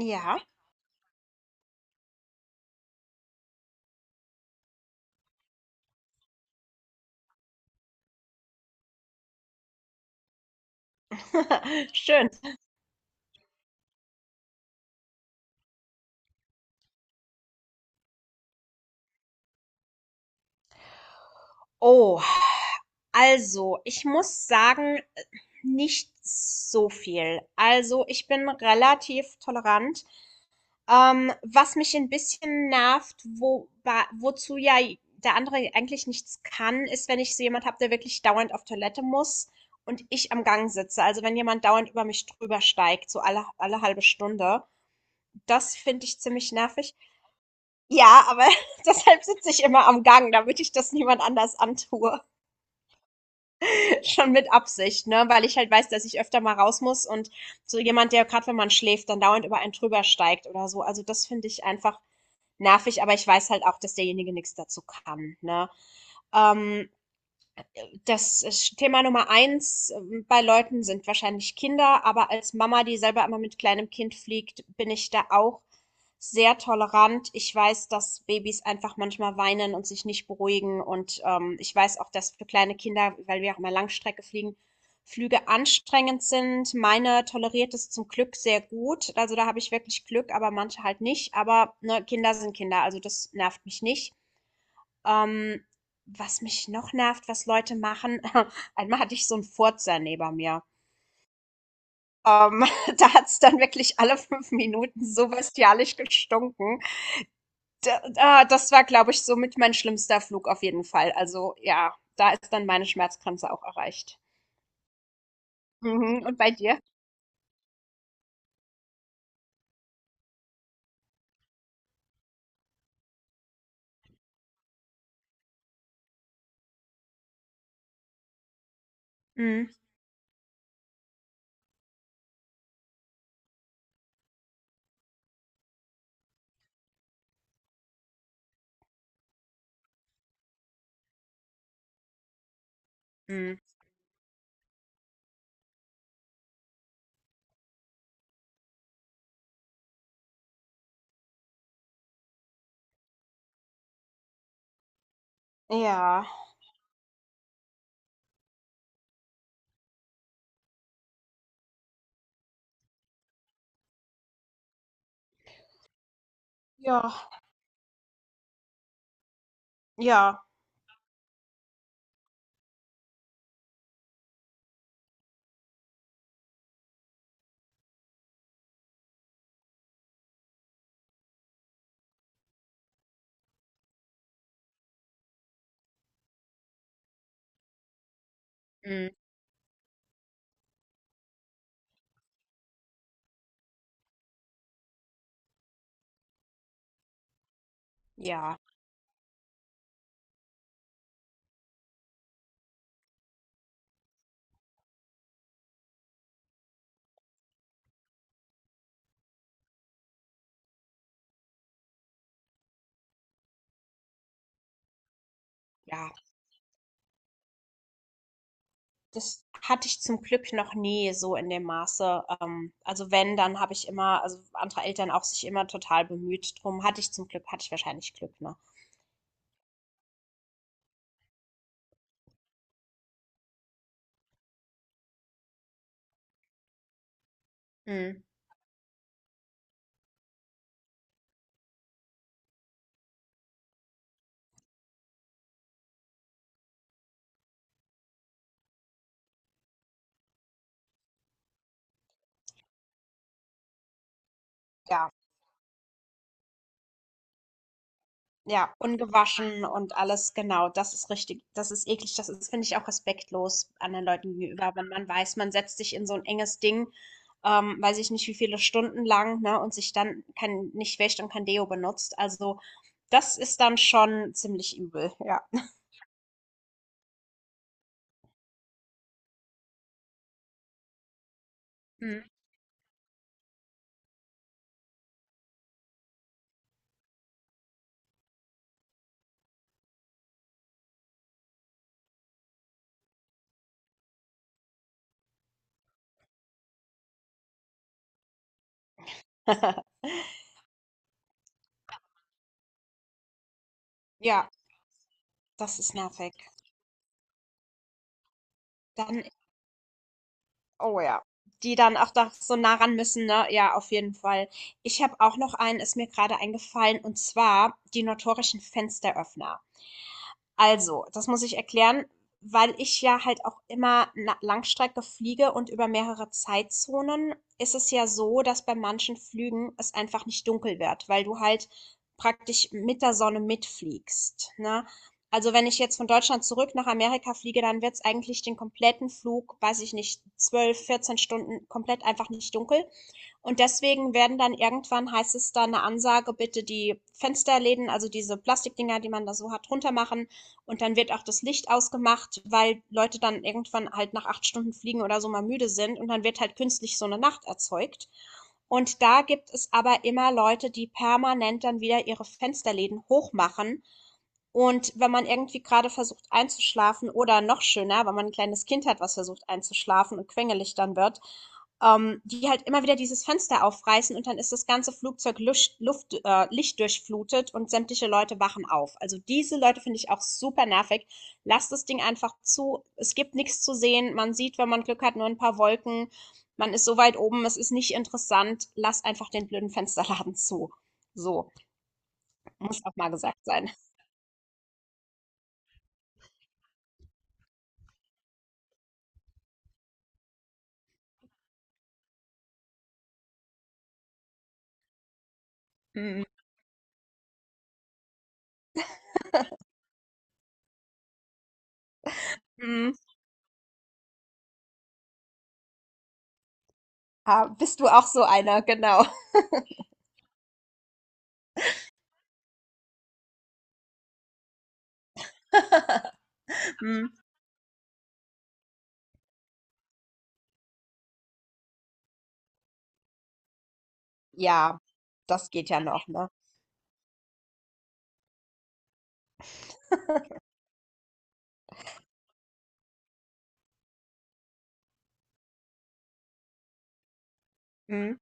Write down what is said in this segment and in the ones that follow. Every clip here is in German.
Ja, schön. Oh, also ich muss sagen, nicht so viel. Also ich bin relativ tolerant. Was mich ein bisschen nervt, wozu ja der andere eigentlich nichts kann, ist, wenn ich so jemand habe, der wirklich dauernd auf Toilette muss und ich am Gang sitze. Also wenn jemand dauernd über mich drüber steigt, so alle halbe Stunde. Das finde ich ziemlich nervig. Ja, aber deshalb sitze ich immer am Gang, damit ich das niemand anders antue. Schon mit Absicht, ne? Weil ich halt weiß, dass ich öfter mal raus muss, und so jemand, der gerade wenn man schläft, dann dauernd über einen drüber steigt oder so. Also das finde ich einfach nervig, aber ich weiß halt auch, dass derjenige nichts dazu kann, ne? Ähm, das Thema Nummer eins bei Leuten sind wahrscheinlich Kinder, aber als Mama, die selber immer mit kleinem Kind fliegt, bin ich da auch sehr tolerant. Ich weiß, dass Babys einfach manchmal weinen und sich nicht beruhigen. Und ich weiß auch, dass für kleine Kinder, weil wir auch mal Langstrecke fliegen, Flüge anstrengend sind. Meine toleriert es zum Glück sehr gut. Also da habe ich wirklich Glück, aber manche halt nicht. Aber ne, Kinder sind Kinder, also das nervt mich nicht. Ähm, was mich noch nervt, was Leute machen, einmal hatte ich so 'n Furzer neben mir. Ähm, da hat's dann wirklich alle 5 Minuten so bestialisch gestunken. D das war, glaube ich, somit mein schlimmster Flug auf jeden Fall. Also, ja, da ist dann meine Schmerzgrenze auch erreicht. Mhm, und bei dir? Mhm, mhm. Ja, ja, ja, mhm, ja, ja. Das hatte ich zum Glück noch nie so in dem Maße. Also wenn, dann habe ich immer, also andere Eltern auch, sich immer total bemüht drum. Hatte ich zum Glück, hatte ich wahrscheinlich Glück, ne? Mhm. Ja, ja, ungewaschen und alles, genau. Das ist richtig. Das ist eklig. Das ist, finde ich, auch respektlos anderen Leuten gegenüber, wenn man weiß, man setzt sich in so ein enges Ding, weiß ich nicht, wie viele Stunden lang, ne, und sich dann kein nicht wäscht und kein Deo benutzt. Also, das ist dann schon ziemlich übel, ja. Mhm. Ja. Das ist nervig. Dann, oh ja. Die dann auch da so nah ran müssen, ne? Ja, auf jeden Fall. Ich habe auch noch einen, ist mir gerade eingefallen, und zwar die notorischen Fensteröffner. Also, das muss ich erklären, weil ich ja halt auch immer na Langstrecke fliege, und über mehrere Zeitzonen ist es ja so, dass bei manchen Flügen es einfach nicht dunkel wird, weil du halt praktisch mit der Sonne mitfliegst, ne? Also, wenn ich jetzt von Deutschland zurück nach Amerika fliege, dann wird es eigentlich den kompletten Flug, weiß ich nicht, 12, 14 Stunden komplett einfach nicht dunkel. Und deswegen werden dann irgendwann, heißt es dann eine Ansage, bitte die Fensterläden, also diese Plastikdinger, die man da so hat, runter machen. Und dann wird auch das Licht ausgemacht, weil Leute dann irgendwann halt nach 8 Stunden Fliegen oder so mal müde sind. Und dann wird halt künstlich so eine Nacht erzeugt. Und da gibt es aber immer Leute, die permanent dann wieder ihre Fensterläden hochmachen. Und wenn man irgendwie gerade versucht einzuschlafen, oder noch schöner, wenn man ein kleines Kind hat, was versucht einzuschlafen und quengelig dann wird, die halt immer wieder dieses Fenster aufreißen, und dann ist das ganze Flugzeug lichtdurchflutet und sämtliche Leute wachen auf. Also diese Leute finde ich auch super nervig. Lasst das Ding einfach zu. Es gibt nichts zu sehen. Man sieht, wenn man Glück hat, nur ein paar Wolken. Man ist so weit oben, es ist nicht interessant. Lass einfach den blöden Fensterladen zu. So, muss auch mal gesagt sein. Mm, mm. Ah, bist du auch so einer, genau. Mm, ja, das geht ja noch, ne? Mm,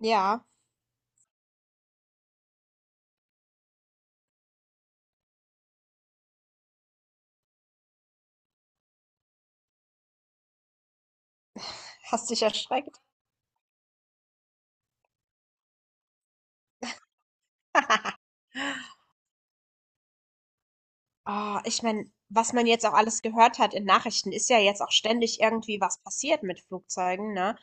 ja. Hast dich erschreckt? Oh, ich meine, was man jetzt auch alles gehört hat in Nachrichten, ist ja jetzt auch ständig irgendwie was passiert mit Flugzeugen, ne?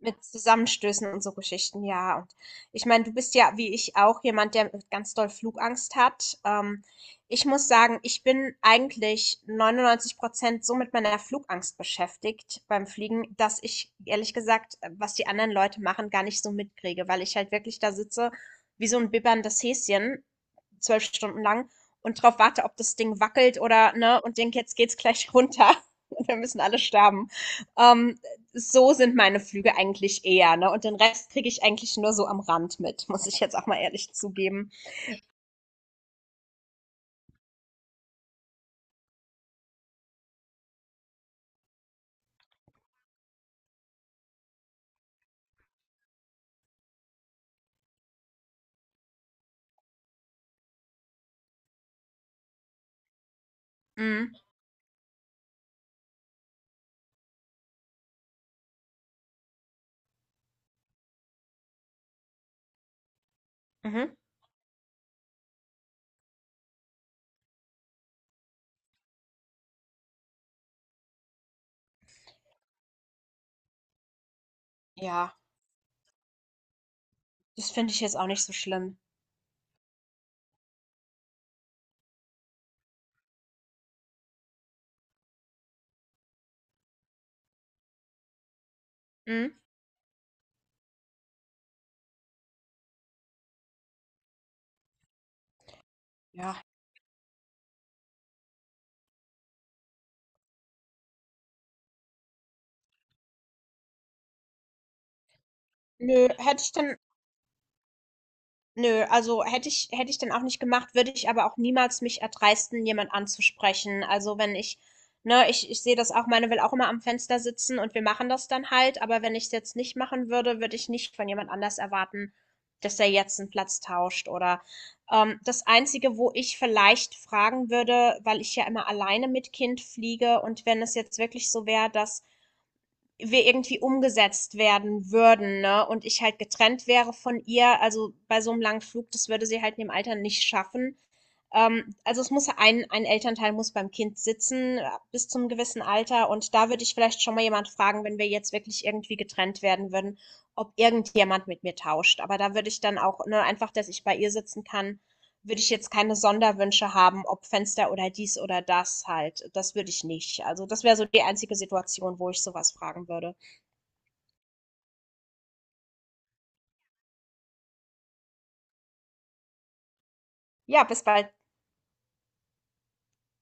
Mit Zusammenstößen und so Geschichten, ja. Und ich meine, du bist ja, wie ich auch, jemand, der ganz doll Flugangst hat. Ich muss sagen, ich bin eigentlich 99% so mit meiner Flugangst beschäftigt beim Fliegen, dass ich, ehrlich gesagt, was die anderen Leute machen, gar nicht so mitkriege, weil ich halt wirklich da sitze wie so ein bibberndes Häschen, 12 Stunden lang, und drauf warte, ob das Ding wackelt oder, ne, und denke, jetzt geht's gleich runter. Und wir müssen alle sterben. Ähm, so sind meine Flüge eigentlich eher, ne? Und den Rest kriege ich eigentlich nur so am Rand mit, muss ich jetzt auch mal ehrlich zugeben. Mhm. Mhm. Ja, das finde ich jetzt auch nicht so schlimm. Mhm. Ja. Nö, hätte ich dann, nö, also hätte ich dann auch nicht gemacht, würde ich aber auch niemals mich erdreisten, jemand anzusprechen. Also wenn ich, ne, ich sehe das auch, meine will auch immer am Fenster sitzen und wir machen das dann halt, aber wenn ich es jetzt nicht machen würde, würde ich nicht von jemand anders erwarten, dass der jetzt einen Platz tauscht oder das Einzige, wo ich vielleicht fragen würde, weil ich ja immer alleine mit Kind fliege, und wenn es jetzt wirklich so wäre, dass wir irgendwie umgesetzt werden würden, ne, und ich halt getrennt wäre von ihr, also, bei so einem langen Flug, das würde sie halt in dem Alter nicht schaffen. Also, es muss ein Elternteil muss beim Kind sitzen, bis zum gewissen Alter, und da würde ich vielleicht schon mal jemand fragen, wenn wir jetzt wirklich irgendwie getrennt werden würden, ob irgendjemand mit mir tauscht. Aber da würde ich dann auch, ne, einfach, dass ich bei ihr sitzen kann, würde ich jetzt keine Sonderwünsche haben, ob Fenster oder dies oder das halt. Das würde ich nicht. Also, das wäre so die einzige Situation, wo ich sowas fragen würde. Ja, bis bald.